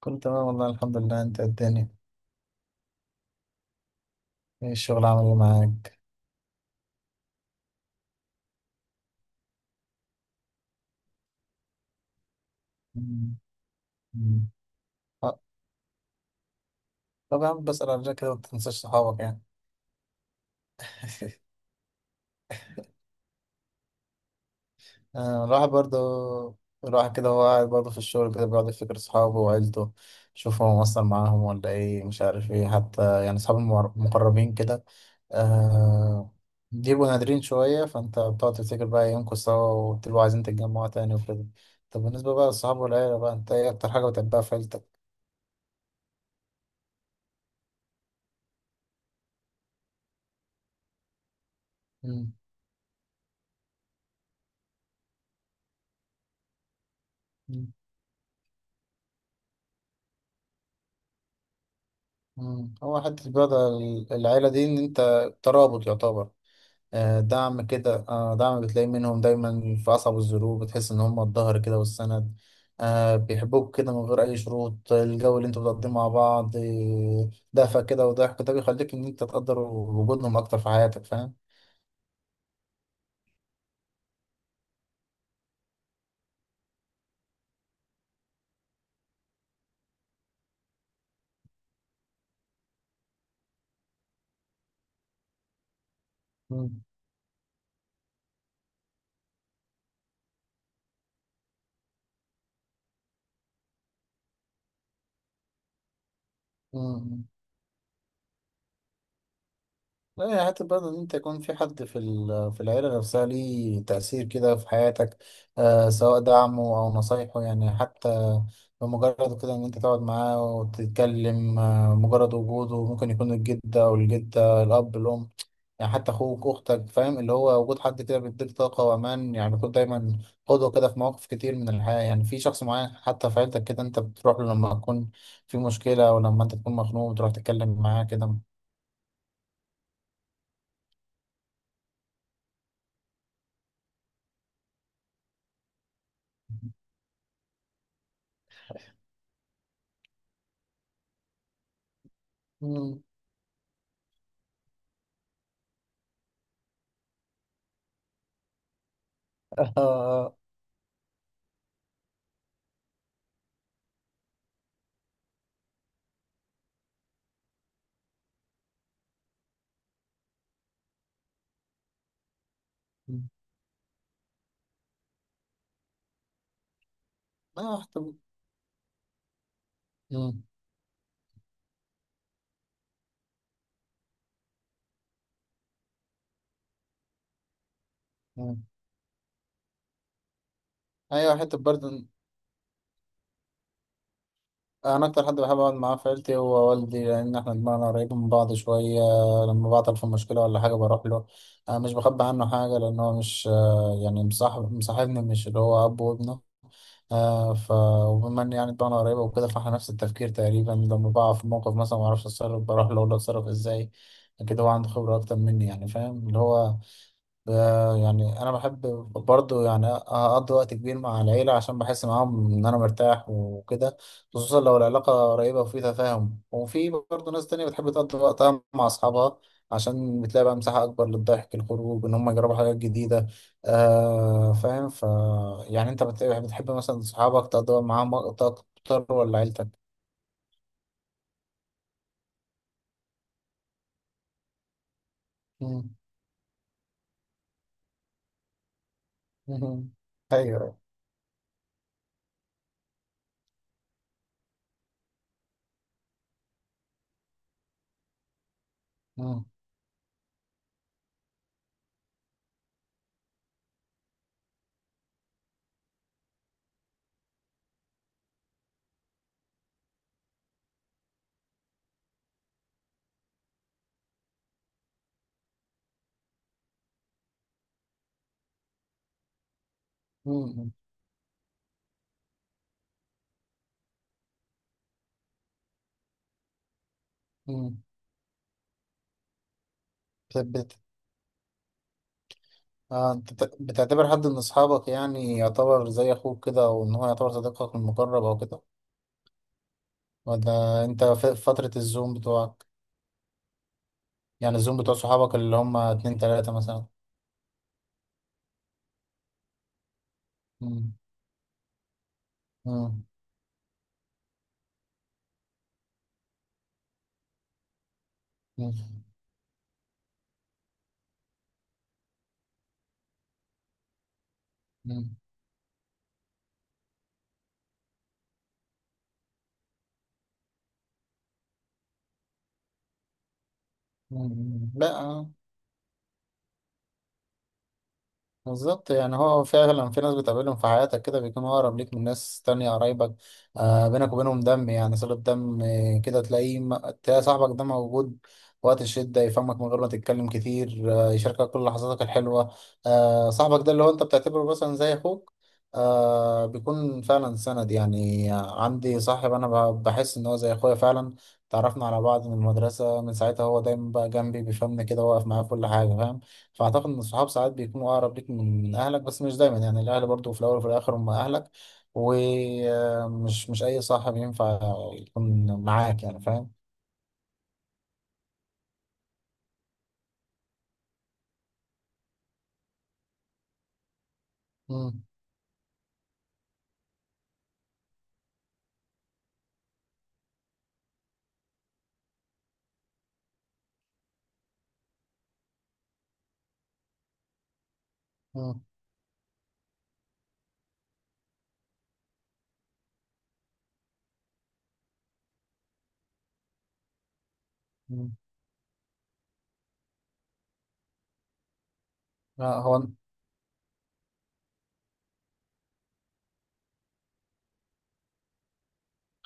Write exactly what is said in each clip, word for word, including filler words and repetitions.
كنت تمام والله الحمد لله، انت الدنيا؟ ايه الشغل عامل ايه معاك؟ مم. مم. آه، طب يا عم بسأل على كده ما تنساش صحابك يعني. آه، الواحد برضه الواحد كده هو قاعد برضه في الشغل كده بيقعد يفتكر صحابه وعيلته، يشوف هو مقصر معاهم ولا ايه مش عارف ايه، حتى يعني صحابي المقر- المقربين كده. آه بيبقوا نادرين شوية، فانت بتقعد تفتكر بقى ايامكم سوا وتبقوا عايزين تتجمعوا تاني وكده. طب بالنسبة بقى للصحاب والعيلة، بقى انت ايه أكتر حاجة بتحبها في عيلتك؟ مم. مم. هو حتة بقى العيلة دي إن أنت ترابط يعتبر. آه، دعم كده، آه، دعم بتلاقي منهم دايما في أصعب الظروف، بتحس إن هم الظهر كده والسند. آه، بيحبوك كده من غير أي شروط. الجو اللي أنتوا بتقضيه مع بعض، آه، دفى كده وضحك، ده بيخليك إن أنت تقدر وجودهم أكتر في حياتك، فاهم؟ مم. مم. لا، هي حتى برضه إن أنت يكون في حد في ال- في العيلة نفسها ليه تأثير كده في حياتك، آه سواء دعمه أو نصايحه. يعني حتى بمجرد كده إن أنت تقعد معاه وتتكلم، آه مجرد وجوده ممكن يكون الجد أو الجدة، الأب، الأم، يعني حتى أخوك، أختك، فاهم؟ اللي هو وجود حد كده بيديك طاقة وأمان، يعني بيكون دايما قدوة كده في مواقف كتير من الحياة. يعني في شخص معين حتى في عيلتك كده أنت بتروح له لما تكون في مشكلة، أو لما أنت تكون مخنوق بتروح تتكلم معاه كده. آه، ايوه حتى. مم. مم. ايوه حتى برضه. انا اكتر حد بحب اقعد معاه في عيلتي هو والدي، لان احنا دماغنا قريبه من بعض شويه. لما بعطل في مشكله ولا حاجه بروح له. انا مش بخبي عنه حاجه، لان هو مش آه، يعني مصاحب، مصاحبني مش اللي هو اب وابنه. آه ف وبما ان يعني دماغنا قريبه وكده، فاحنا نفس التفكير تقريبا. لما بقع في موقف مثلا ما اعرفش اتصرف بروح له اقول له اتصرف ازاي كده، هو عنده خبره اكتر مني، يعني فاهم اللي هو ده. يعني انا بحب برضه يعني اقضي وقت كبير مع العيله عشان بحس معاهم ان انا مرتاح وكده، خصوصا لو العلاقه قريبه وفي تفاهم. وفي برضه ناس تانية بتحب تقضي وقتها مع اصحابها عشان بتلاقي بقى مساحه اكبر للضحك، الخروج، ان هم يجربوا حاجات جديده. آه فاهم. ف يعني انت بت- بتحب مثلا اصحابك تقضي وقت معاهم وقت اكتر ولا عيلتك؟ مم. مم. ايوه. مم. مم. مم. آه، انت بت- بتعتبر حد من اصحابك يعني يعتبر زي اخوك كده، او ان هو يعتبر صديقك المقرب او كده؟ ولا انت في في فترة الزوم بتوعك، يعني الزوم بتوع صحابك اللي هم اتنين تلاتة مثلا؟ مم. مم. مم. مم. مم. لا، آه. بالظبط، يعني هو فعلا في ناس بتقابلهم في حياتك كده بيكونوا أقرب ليك من ناس تانية قرايبك، آه بينك وبينهم دم، يعني صلة دم. آه، كده تلاقيه م- تلاقي صاحبك ده موجود وقت الشدة، يفهمك من غير ما تتكلم كتير، آه يشاركك كل لحظاتك الحلوة. آه صاحبك ده اللي هو أنت بتعتبره مثلا زي أخوك، آه بيكون فعلا سند. يعني عندي صاحب أنا ب- بحس إن هو زي أخويا فعلا، تعرفنا على بعض من المدرسة، من ساعتها هو دايما بقى جنبي بيفهمني كده، واقف معايا في كل حاجة، فاهم؟ فاعتقد ان الصحاب ساعات بيكونوا اقرب ليك من من اهلك، بس مش دايما. يعني الاهل برضو في الاول وفي الاخر هم اهلك، ومش مش مش اي صاحب ينفع يكون معاك، يعني فاهم. مم، مم، مم. لا، هو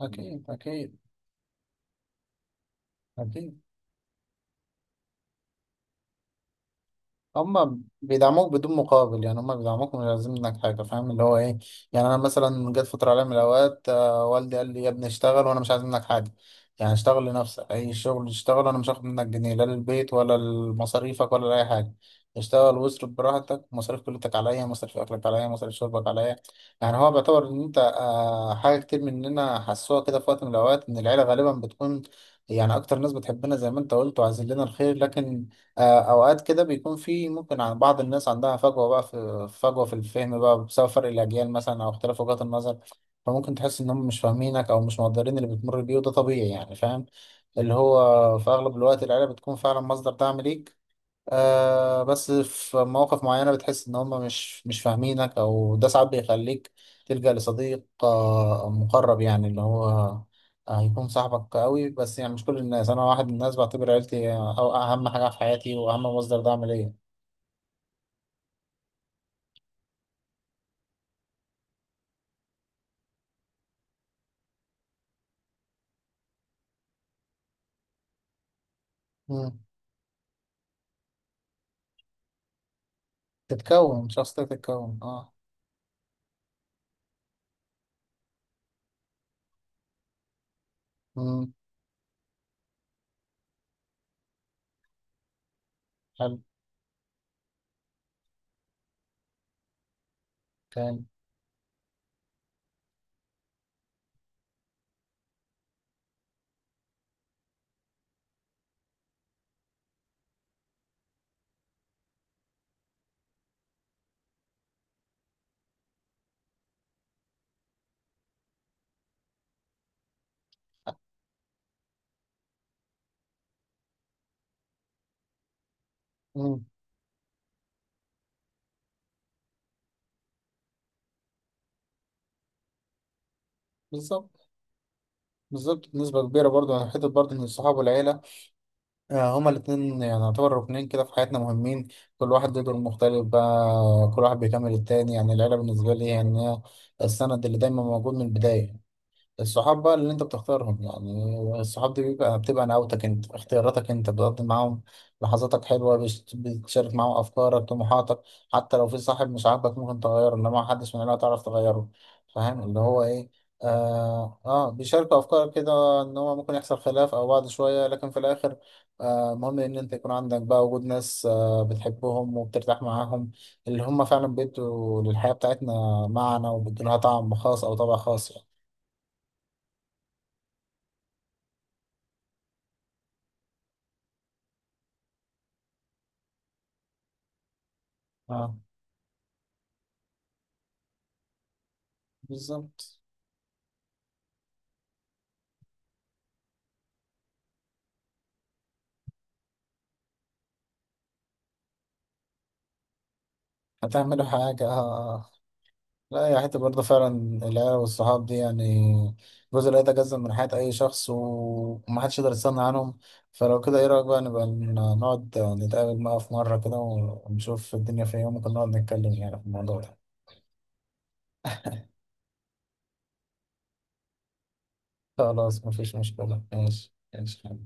أكيد أكيد أكيد. هما بيدعموك بدون مقابل، يعني هما بيدعموك مش عايزين منك حاجة، فاهم اللي هو ايه. يعني انا مثلا جت فترة عليا من الاوقات، آه، والدي قال لي يا ابني اشتغل، وانا مش عايز منك حاجة، يعني اشتغل لنفسك اي شغل. اشتغل، انا مش هاخد منك جنيه، لا للبيت ولا لمصاريفك ولا لأي حاجة. اشتغل واصرف براحتك، مصاريف كليتك عليا، مصاريف اكلك عليا، مصاريف شربك عليا. يعني هو بيعتبر ان انت آه، حاجة كتير مننا حسوها كده في وقت من الاوقات، ان العيلة غالبا بتكون يعني اكتر ناس بتحبنا زي ما انت قلت، وعايزين لنا الخير. لكن آه، اوقات كده بيكون في ممكن عن بعض الناس عندها فجوه بقى في فجوه في الفهم بقى، بسبب فرق الاجيال مثلا او اختلاف وجهات النظر. فممكن تحس ان هم مش فاهمينك او مش مقدرين اللي بتمر بيه، وده طبيعي يعني فاهم. اللي هو في اغلب الوقت العيله بتكون فعلا مصدر دعم ليك، آه بس في مواقف معينة بتحس إن هم مش مش فاهمينك، أو ده ساعات بيخليك تلجأ لصديق آه مقرب، يعني اللي هو آه يكون صاحبك قوي. بس يعني مش كل الناس، أنا واحد من الناس بعتبر عيلتي أو أهم حاجة في حياتي وأهم مصدر دعم ليا. مم. تتكون شخصيتك تتكون اه. مم. حلو. كان. مم. بالظبط. بالظبط بنسبة كبيرة برضه، حتة برضه إن الصحاب والعيلة، آه، هما الاتنين يعني يعتبر ركنين كده في حياتنا مهمين. كل واحد له دور مختلف بقى، كل واحد بيكمل التاني. يعني العيلة بالنسبة لي يعني هي السند اللي دايما موجود من البداية. الصحاب بقى اللي انت بتختارهم، يعني الصحاب دي بيبقى بتبقى نعوتك انت، اختياراتك انت، بتقضي معاهم لحظاتك حلوة، بتش- بتشارك معاهم افكارك طموحاتك. حتى لو في صاحب مش عاجبك ممكن تغيره، انما محدش من العيلة تعرف تغيره. فاهم اللي هو ايه. اه, آه بيشاركوا افكارك كده، ان هو ممكن يحصل خلاف او بعد شوية، لكن في الاخر آه مهم ان انت يكون عندك بقى وجود ناس آه بتحبهم وبترتاح معاهم، اللي هم فعلا بيدوا للحياة بتاعتنا معنى وبيدوا لها طعم خاص او طابع خاص يعني. آه. بالظبط. هتعملوا حاجة آه. لا يا، حتة برضه فعلا العيلة والصحاب دي يعني جزء لا يتجزأ من حياة أي شخص، و- ومحدش يقدر يستغنى عنهم. فلو كده إيه رأيك بقى نبقى ن- نقعد نتقابل بقى في مرة كده، ونشوف الدنيا فين، وممكن نقعد نتكلم يعني في الموضوع ده. خلاص مفيش مشكلة، ماشي ماشي.